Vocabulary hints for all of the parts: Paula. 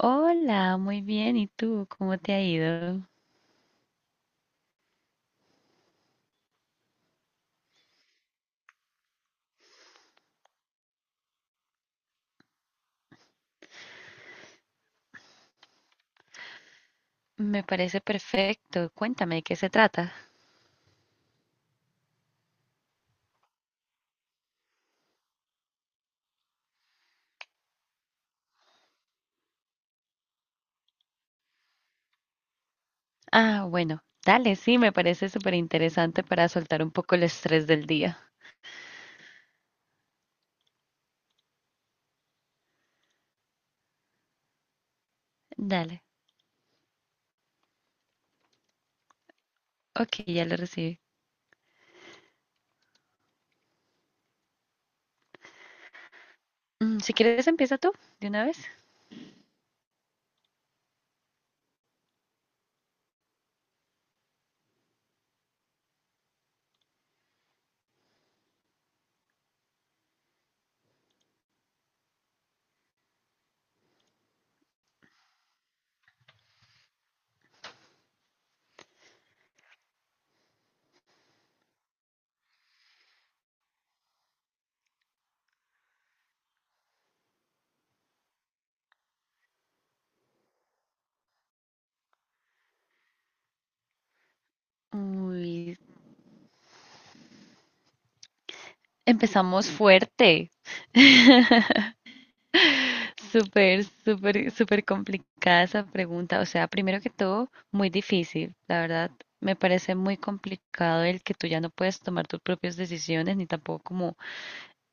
Hola, muy bien. ¿Y tú? ¿Cómo te ha ido? Me parece perfecto. Cuéntame, ¿de qué se trata? Ah, bueno, dale, sí, me parece súper interesante para soltar un poco el estrés del día. Dale, ok, ya lo recibí. Mm, si quieres, empieza tú, de una vez. Uy, empezamos fuerte. Súper, súper, súper complicada esa pregunta. O sea, primero que todo, muy difícil. La verdad, me parece muy complicado el que tú ya no puedes tomar tus propias decisiones ni tampoco como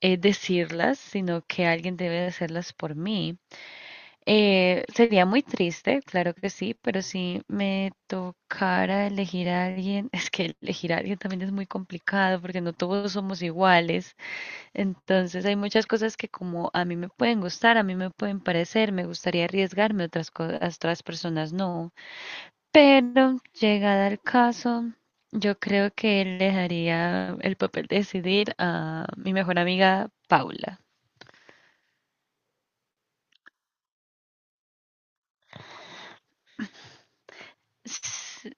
decirlas, sino que alguien debe de hacerlas por mí. Sería muy triste, claro que sí, pero si me tocara elegir a alguien, es que elegir a alguien también es muy complicado porque no todos somos iguales. Entonces hay muchas cosas que como a mí me pueden gustar, a mí me pueden parecer, me gustaría arriesgarme, otras cosas, otras personas no. Pero llegada al caso, yo creo que le dejaría el papel de decidir a mi mejor amiga Paula. S-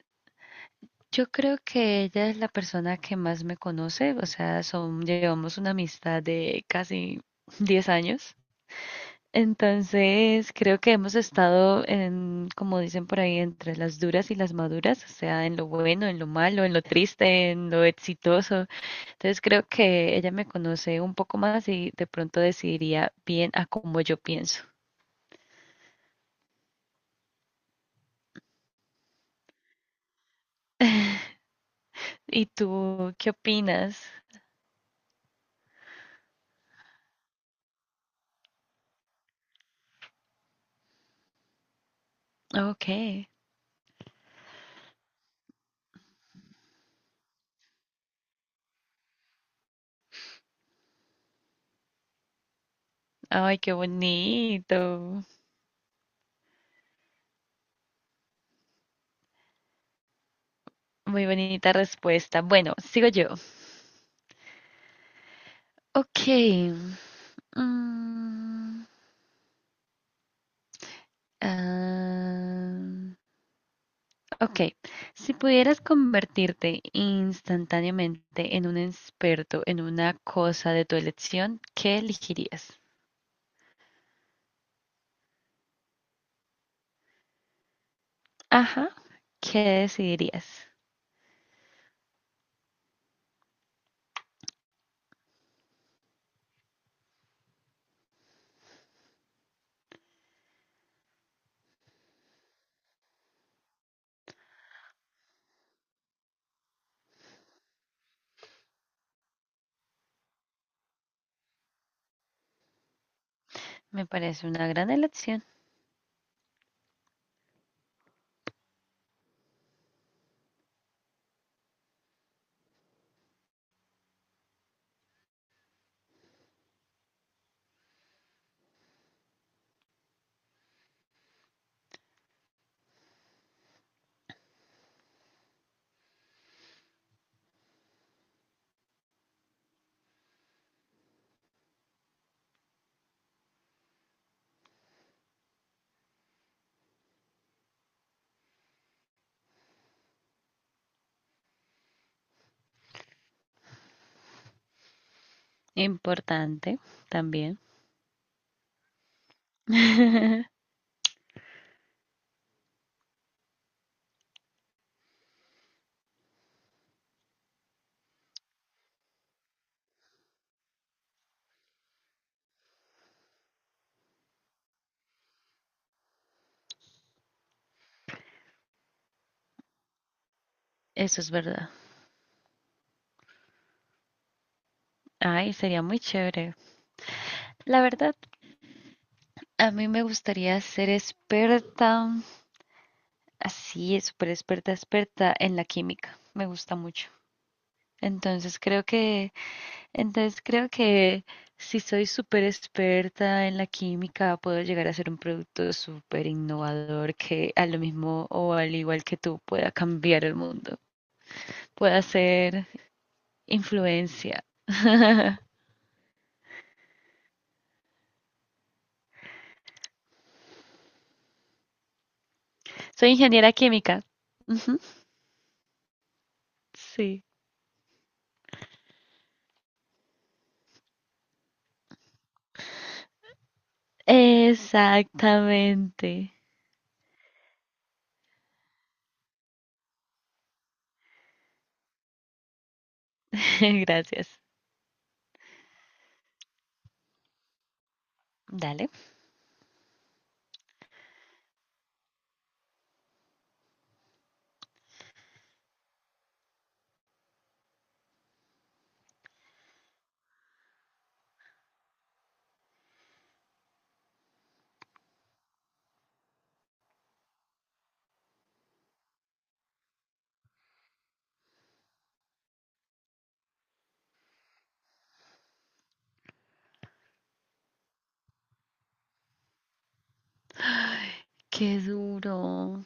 Yo creo que ella es la persona que más me conoce, o sea, son, llevamos una amistad de casi 10 años. Entonces, creo que hemos estado en, como dicen por ahí, entre las duras y las maduras, o sea, en lo bueno, en lo malo, en lo triste, en lo exitoso. Entonces, creo que ella me conoce un poco más y de pronto decidiría bien a cómo yo pienso. ¿Y tú qué opinas? Ok. Ay, qué bonito. Muy bonita respuesta. Bueno, sigo yo. Ok. Mm, ah, Ok, si pudieras convertirte instantáneamente en un experto en una cosa de tu elección, ¿qué elegirías? Ajá, ¿qué decidirías? Me parece una gran elección, importante también. Eso es verdad. Ay, sería muy chévere. La verdad, a mí me gustaría ser experta, así, súper experta, experta en la química. Me gusta mucho. Entonces creo que Entonces creo que si soy súper experta en la química, puedo llegar a ser un producto súper innovador que a lo mismo o al igual que tú pueda cambiar el mundo, pueda ser influencia. Soy ingeniera química. Ujú, sí, exactamente. Gracias. Dale. Qué duro.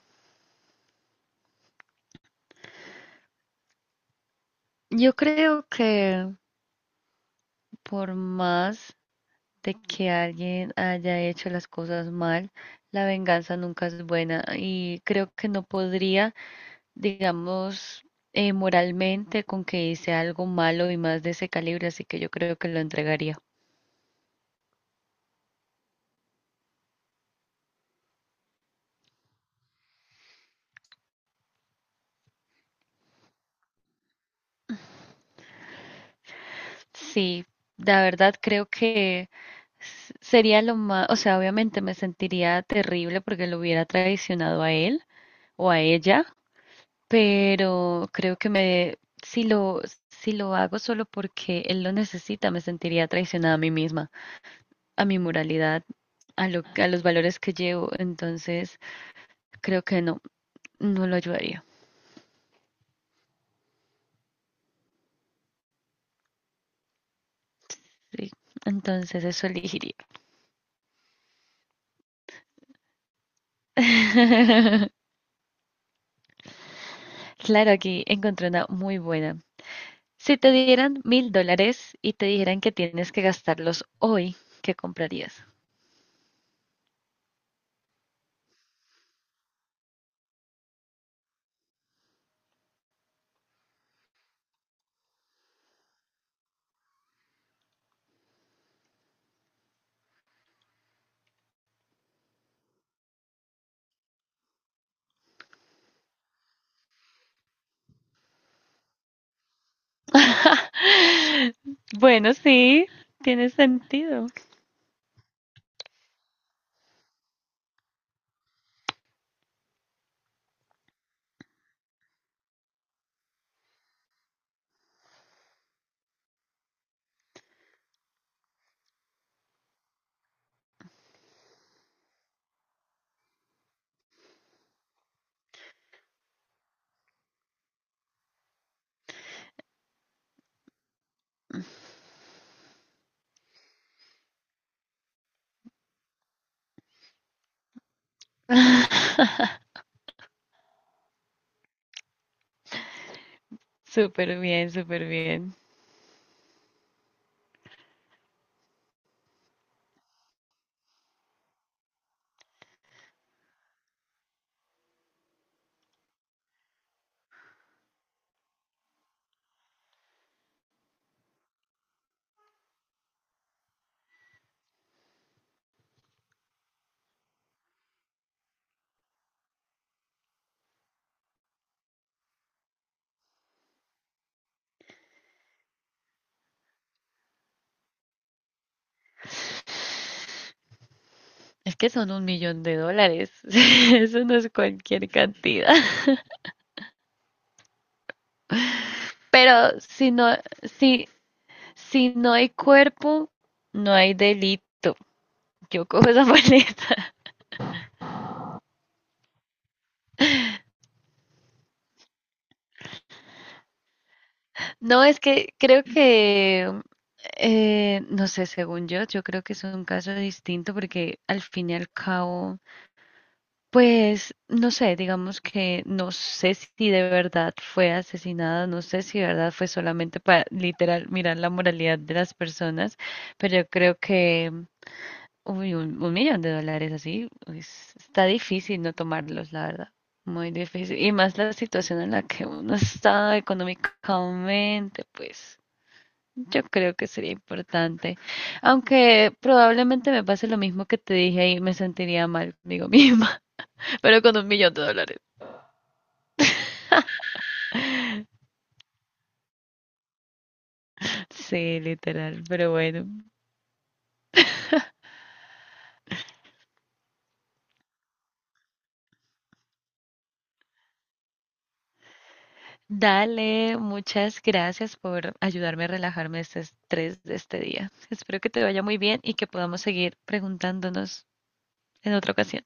Yo creo que por más de que alguien haya hecho las cosas mal, la venganza nunca es buena y creo que no podría, digamos, moralmente con que hice algo malo y más de ese calibre, así que yo creo que lo entregaría. Sí, la verdad creo que sería lo más, o sea, obviamente me sentiría terrible porque lo hubiera traicionado a él o a ella, pero creo que me, si lo, si lo hago solo porque él lo necesita, me sentiría traicionada a mí misma, a mi moralidad, a lo, a los valores que llevo. Entonces, creo que no, no lo ayudaría. Sí, entonces, eso elegiría. Claro, aquí encontré una muy buena. Si te dieran $1000 y te dijeran que tienes que gastarlos hoy, ¿qué comprarías? Bueno, sí, tiene sentido. Súper bien, súper bien. Es que son $1000000. Eso no es cualquier cantidad. Pero si no, si, si no hay cuerpo, no hay delito. Yo cojo esa maleta. No, es que creo que, no sé, según yo, yo creo que es un caso distinto porque al fin y al cabo pues no sé, digamos que no sé si de verdad fue asesinada, no sé si de verdad fue solamente para literal mirar la moralidad de las personas, pero yo creo que uy, un millón de dólares así está difícil no tomarlos, la verdad, muy difícil. Y más la situación en la que uno está económicamente, pues yo creo que sería importante. Aunque probablemente me pase lo mismo que te dije ahí, me sentiría mal conmigo misma. Pero con $1000000. Sí, literal, pero bueno. Dale, muchas gracias por ayudarme a relajarme este estrés de este día. Espero que te vaya muy bien y que podamos seguir preguntándonos en otra ocasión.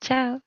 Chao.